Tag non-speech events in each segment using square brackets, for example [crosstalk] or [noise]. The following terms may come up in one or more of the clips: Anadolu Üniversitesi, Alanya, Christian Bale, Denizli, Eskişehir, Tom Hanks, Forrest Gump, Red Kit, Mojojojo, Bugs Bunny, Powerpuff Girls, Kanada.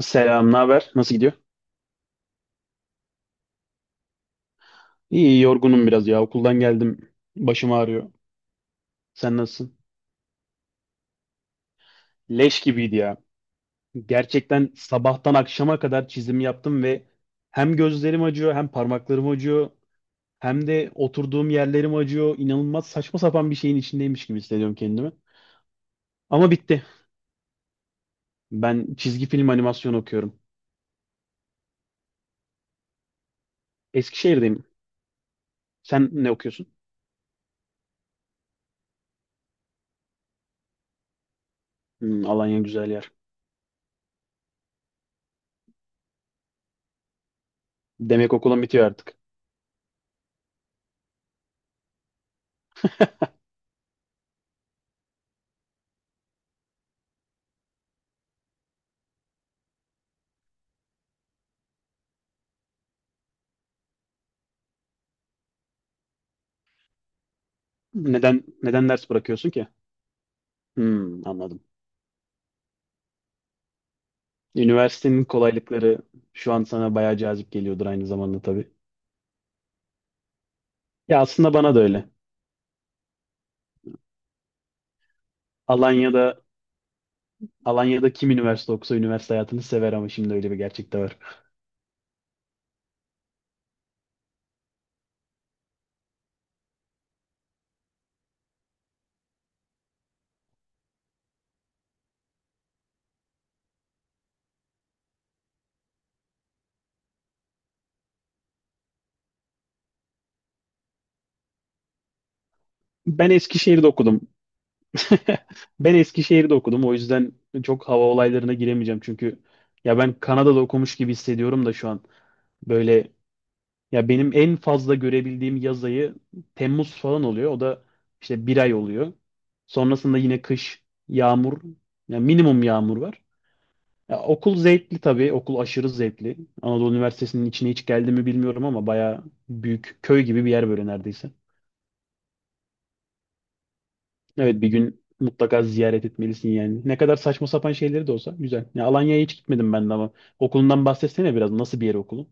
Selam, ne haber? Nasıl gidiyor? İyi, yorgunum biraz ya. Okuldan geldim. Başım ağrıyor. Sen nasılsın? Leş gibiydi ya. Gerçekten sabahtan akşama kadar çizim yaptım ve hem gözlerim acıyor, hem parmaklarım acıyor, hem de oturduğum yerlerim acıyor. İnanılmaz saçma sapan bir şeyin içindeymiş gibi hissediyorum kendimi. Ama bitti. Ben çizgi film animasyon okuyorum. Eskişehir'deyim. Sen ne okuyorsun? Hmm, Alanya güzel yer. Demek okulun bitiyor artık. Neden ders bırakıyorsun ki? Hmm, anladım. Üniversitenin kolaylıkları şu an sana bayağı cazip geliyordur aynı zamanda tabii. Ya aslında bana da öyle. Alanya'da Alanya'da kim üniversite okusa üniversite hayatını sever ama şimdi öyle bir gerçek de var. Ben Eskişehir'de okudum. [laughs] Ben Eskişehir'de okudum. O yüzden çok hava olaylarına giremeyeceğim. Çünkü ya ben Kanada'da okumuş gibi hissediyorum da şu an. Böyle ya benim en fazla görebildiğim yaz ayı Temmuz falan oluyor. O da işte bir ay oluyor. Sonrasında yine kış, yağmur, ya minimum yağmur var. Ya okul zevkli tabii. Okul aşırı zevkli. Anadolu Üniversitesi'nin içine hiç geldi mi bilmiyorum ama bayağı büyük köy gibi bir yer böyle neredeyse. Evet, bir gün mutlaka ziyaret etmelisin yani. Ne kadar saçma sapan şeyleri de olsa güzel. Ya Alanya'ya hiç gitmedim ben de ama okulundan bahsetsene biraz. Nasıl bir yer okulu?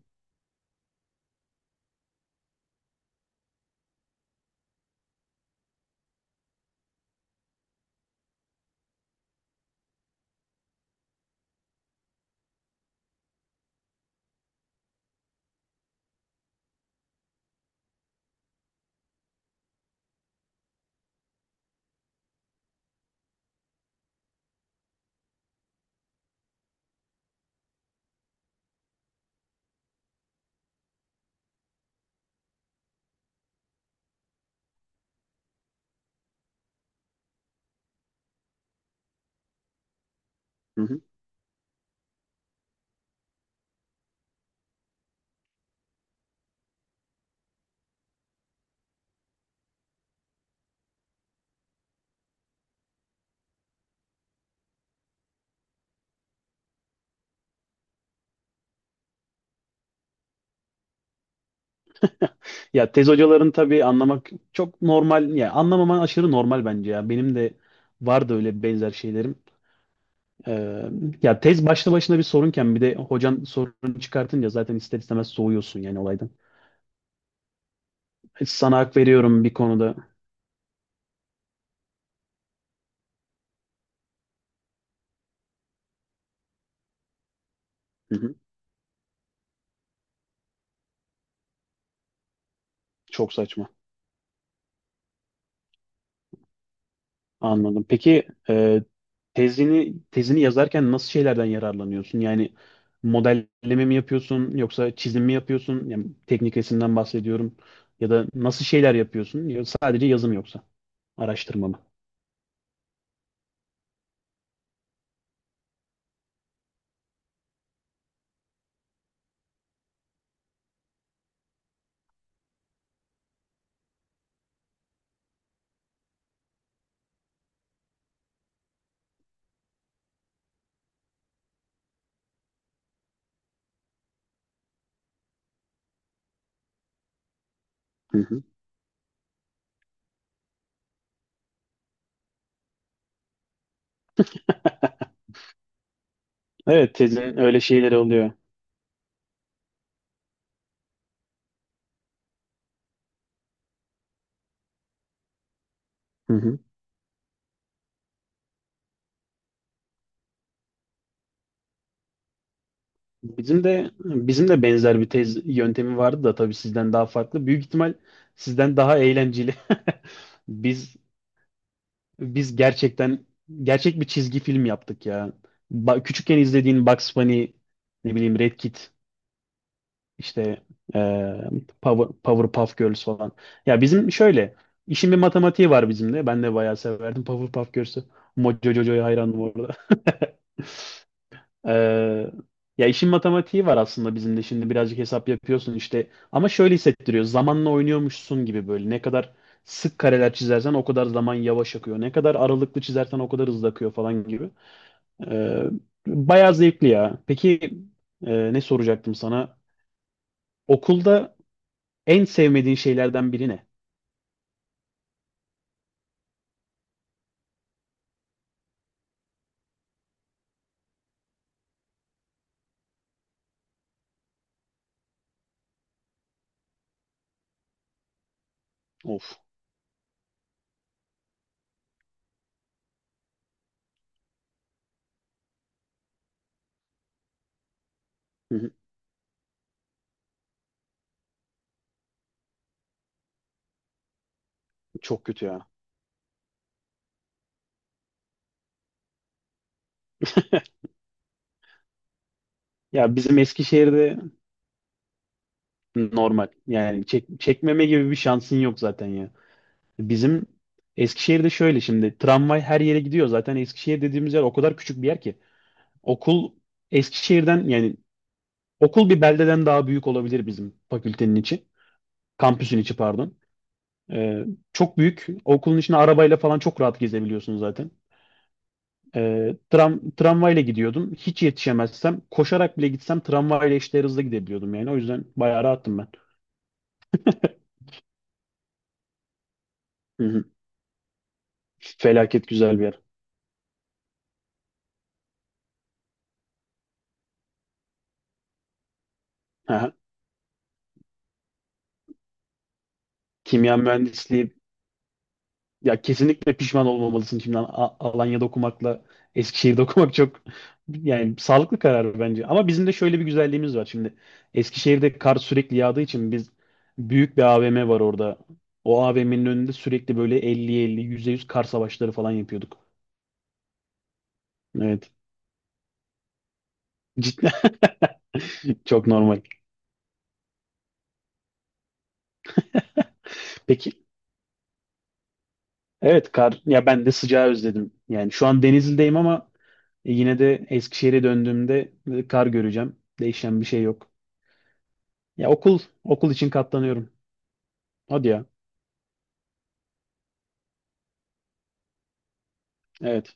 Hı hı. [laughs] Ya tez hocaların tabii anlamak çok normal. Ya anlamaman aşırı normal bence ya. Benim de vardı öyle benzer şeylerim. Ee, ya tez başlı başına bir sorunken bir de hocan sorun çıkartınca zaten ister istemez soğuyorsun yani olaydan. Sana hak veriyorum bir konuda. Hı hı. Çok saçma. Anladım. Peki, tezini yazarken nasıl şeylerden yararlanıyorsun? Yani modelleme mi yapıyorsun yoksa çizim mi yapıyorsun? Yani teknik resimden bahsediyorum. Ya da nasıl şeyler yapıyorsun? Ya sadece yazım yoksa araştırma mı? Hı hı. Evet, tezin öyle şeyleri oluyor. Hı hı. Bizim de benzer bir tez yöntemi vardı da tabii sizden daha farklı. Büyük ihtimal sizden daha eğlenceli. [laughs] Biz Biz gerçekten gerçek bir çizgi film yaptık ya. Küçükken izlediğin Bugs Bunny, ne bileyim Red Kit, işte eee Powerpuff Girls falan. Ya bizim şöyle, işin bir matematiği var bizim de. Ben de bayağı severdim Powerpuff Girls'ü. Mojojojo'ya hayrandım orada. [laughs] Ee, ya işin matematiği var aslında bizim de, şimdi birazcık hesap yapıyorsun işte. Ama şöyle hissettiriyor. Zamanla oynuyormuşsun gibi böyle. Ne kadar sık kareler çizersen o kadar zaman yavaş akıyor. Ne kadar aralıklı çizersen o kadar hızlı akıyor falan gibi. Ee, bayağı zevkli ya. Peki, ne soracaktım sana? Okulda en sevmediğin şeylerden biri ne? Of. Hı hı. Çok kötü ya. [laughs] Ya bizim Eskişehir'de. Normal. Yani çekmeme gibi bir şansın yok zaten ya. Bizim Eskişehir'de şöyle, şimdi tramvay her yere gidiyor. Zaten Eskişehir dediğimiz yer o kadar küçük bir yer ki. Okul Eskişehir'den yani, okul bir beldeden daha büyük olabilir bizim fakültenin içi. Kampüsün içi pardon. Ee, çok büyük. Okulun içine arabayla falan çok rahat gezebiliyorsun zaten. Tramvayla gidiyordum. Hiç yetişemezsem koşarak bile gitsem tramvayla eşdeğer hızla gidebiliyordum yani. O yüzden bayağı rahattım ben. [laughs] Hı hı. Felaket güzel bir yer. [laughs] Kimya mühendisliği ya, kesinlikle pişman olmamalısın şimdi. Alanya'da okumakla Eskişehir'de [laughs] okumak çok, yani sağlıklı karar bence. Ama bizim de şöyle bir güzelliğimiz var şimdi. Eskişehir'de kar sürekli yağdığı için biz, büyük bir AVM var orada. O AVM'nin önünde sürekli böyle 50-50, yüz kar savaşları falan yapıyorduk. Evet. Cidden [laughs] çok normal. Peki evet, kar, ya ben de sıcağı özledim. Yani şu an Denizli'deyim ama yine de Eskişehir'e döndüğümde kar göreceğim. Değişen bir şey yok. Ya okul için katlanıyorum. Hadi ya. Evet.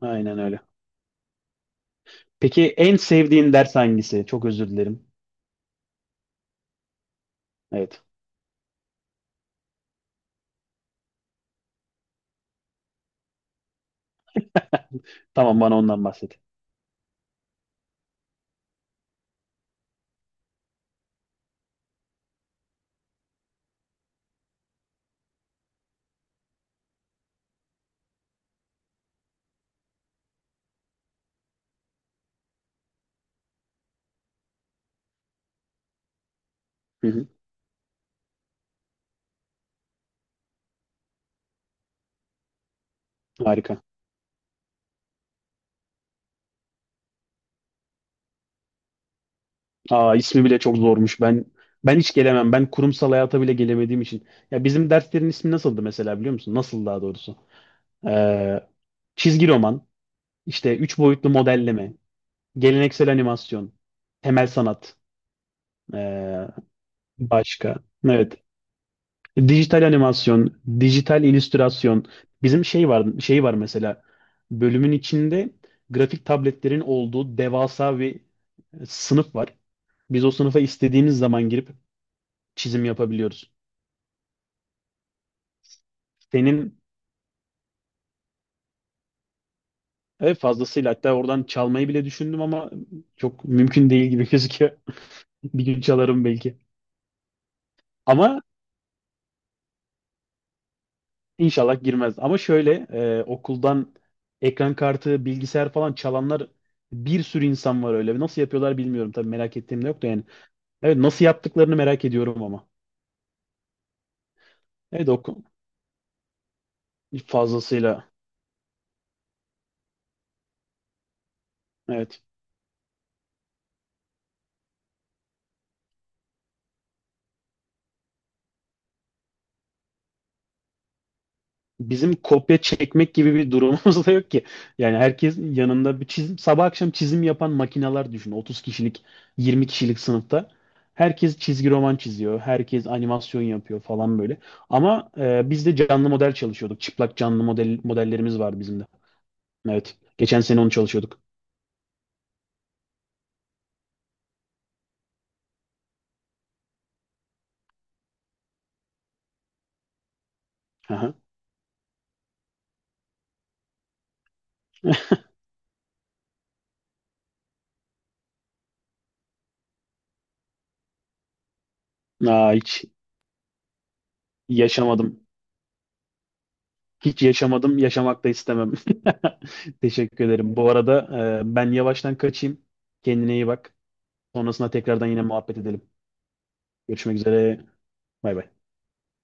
Aynen öyle. Peki en sevdiğin ders hangisi? Çok özür dilerim. Evet. [laughs] Tamam, bana ondan bahset. Hı hı. Harika. Aa, ismi bile çok zormuş. Ben hiç gelemem. Ben kurumsal hayata bile gelemediğim için. Ya bizim derslerin ismi nasıldı mesela biliyor musun? Nasıl daha doğrusu? Ee, çizgi roman, işte üç boyutlu modelleme, geleneksel animasyon, temel sanat, ee, başka. Evet. Dijital animasyon, dijital illüstrasyon. Bizim şey var, şey var mesela. Bölümün içinde grafik tabletlerin olduğu devasa bir sınıf var. Biz o sınıfa istediğimiz zaman girip çizim yapabiliyoruz. Senin, evet, fazlasıyla, hatta oradan çalmayı bile düşündüm ama çok mümkün değil gibi gözüküyor. [laughs] Bir gün çalarım belki. Ama inşallah girmez. Ama şöyle okuldan ekran kartı, bilgisayar falan çalanlar, bir sürü insan var öyle. Nasıl yapıyorlar bilmiyorum tabii, merak ettiğim de yok da yani. Evet, nasıl yaptıklarını merak ediyorum ama. Evet. Fazlasıyla. Evet. Bizim kopya çekmek gibi bir durumumuz da yok ki. Yani herkes yanında bir çizim, sabah akşam çizim yapan makineler düşün. 30 kişilik, 20 kişilik sınıfta. Herkes çizgi roman çiziyor, herkes animasyon yapıyor falan böyle. Ama biz de canlı model çalışıyorduk. Çıplak canlı model, modellerimiz vardı bizim de. Evet. Geçen sene onu çalışıyorduk. Aha. [laughs] Aa, hiç yaşamadım. Hiç yaşamadım, yaşamak da istemem. [laughs] Teşekkür ederim. Bu arada ben yavaştan kaçayım. Kendine iyi bak. Sonrasında tekrardan yine muhabbet edelim. Görüşmek üzere. Bay bay.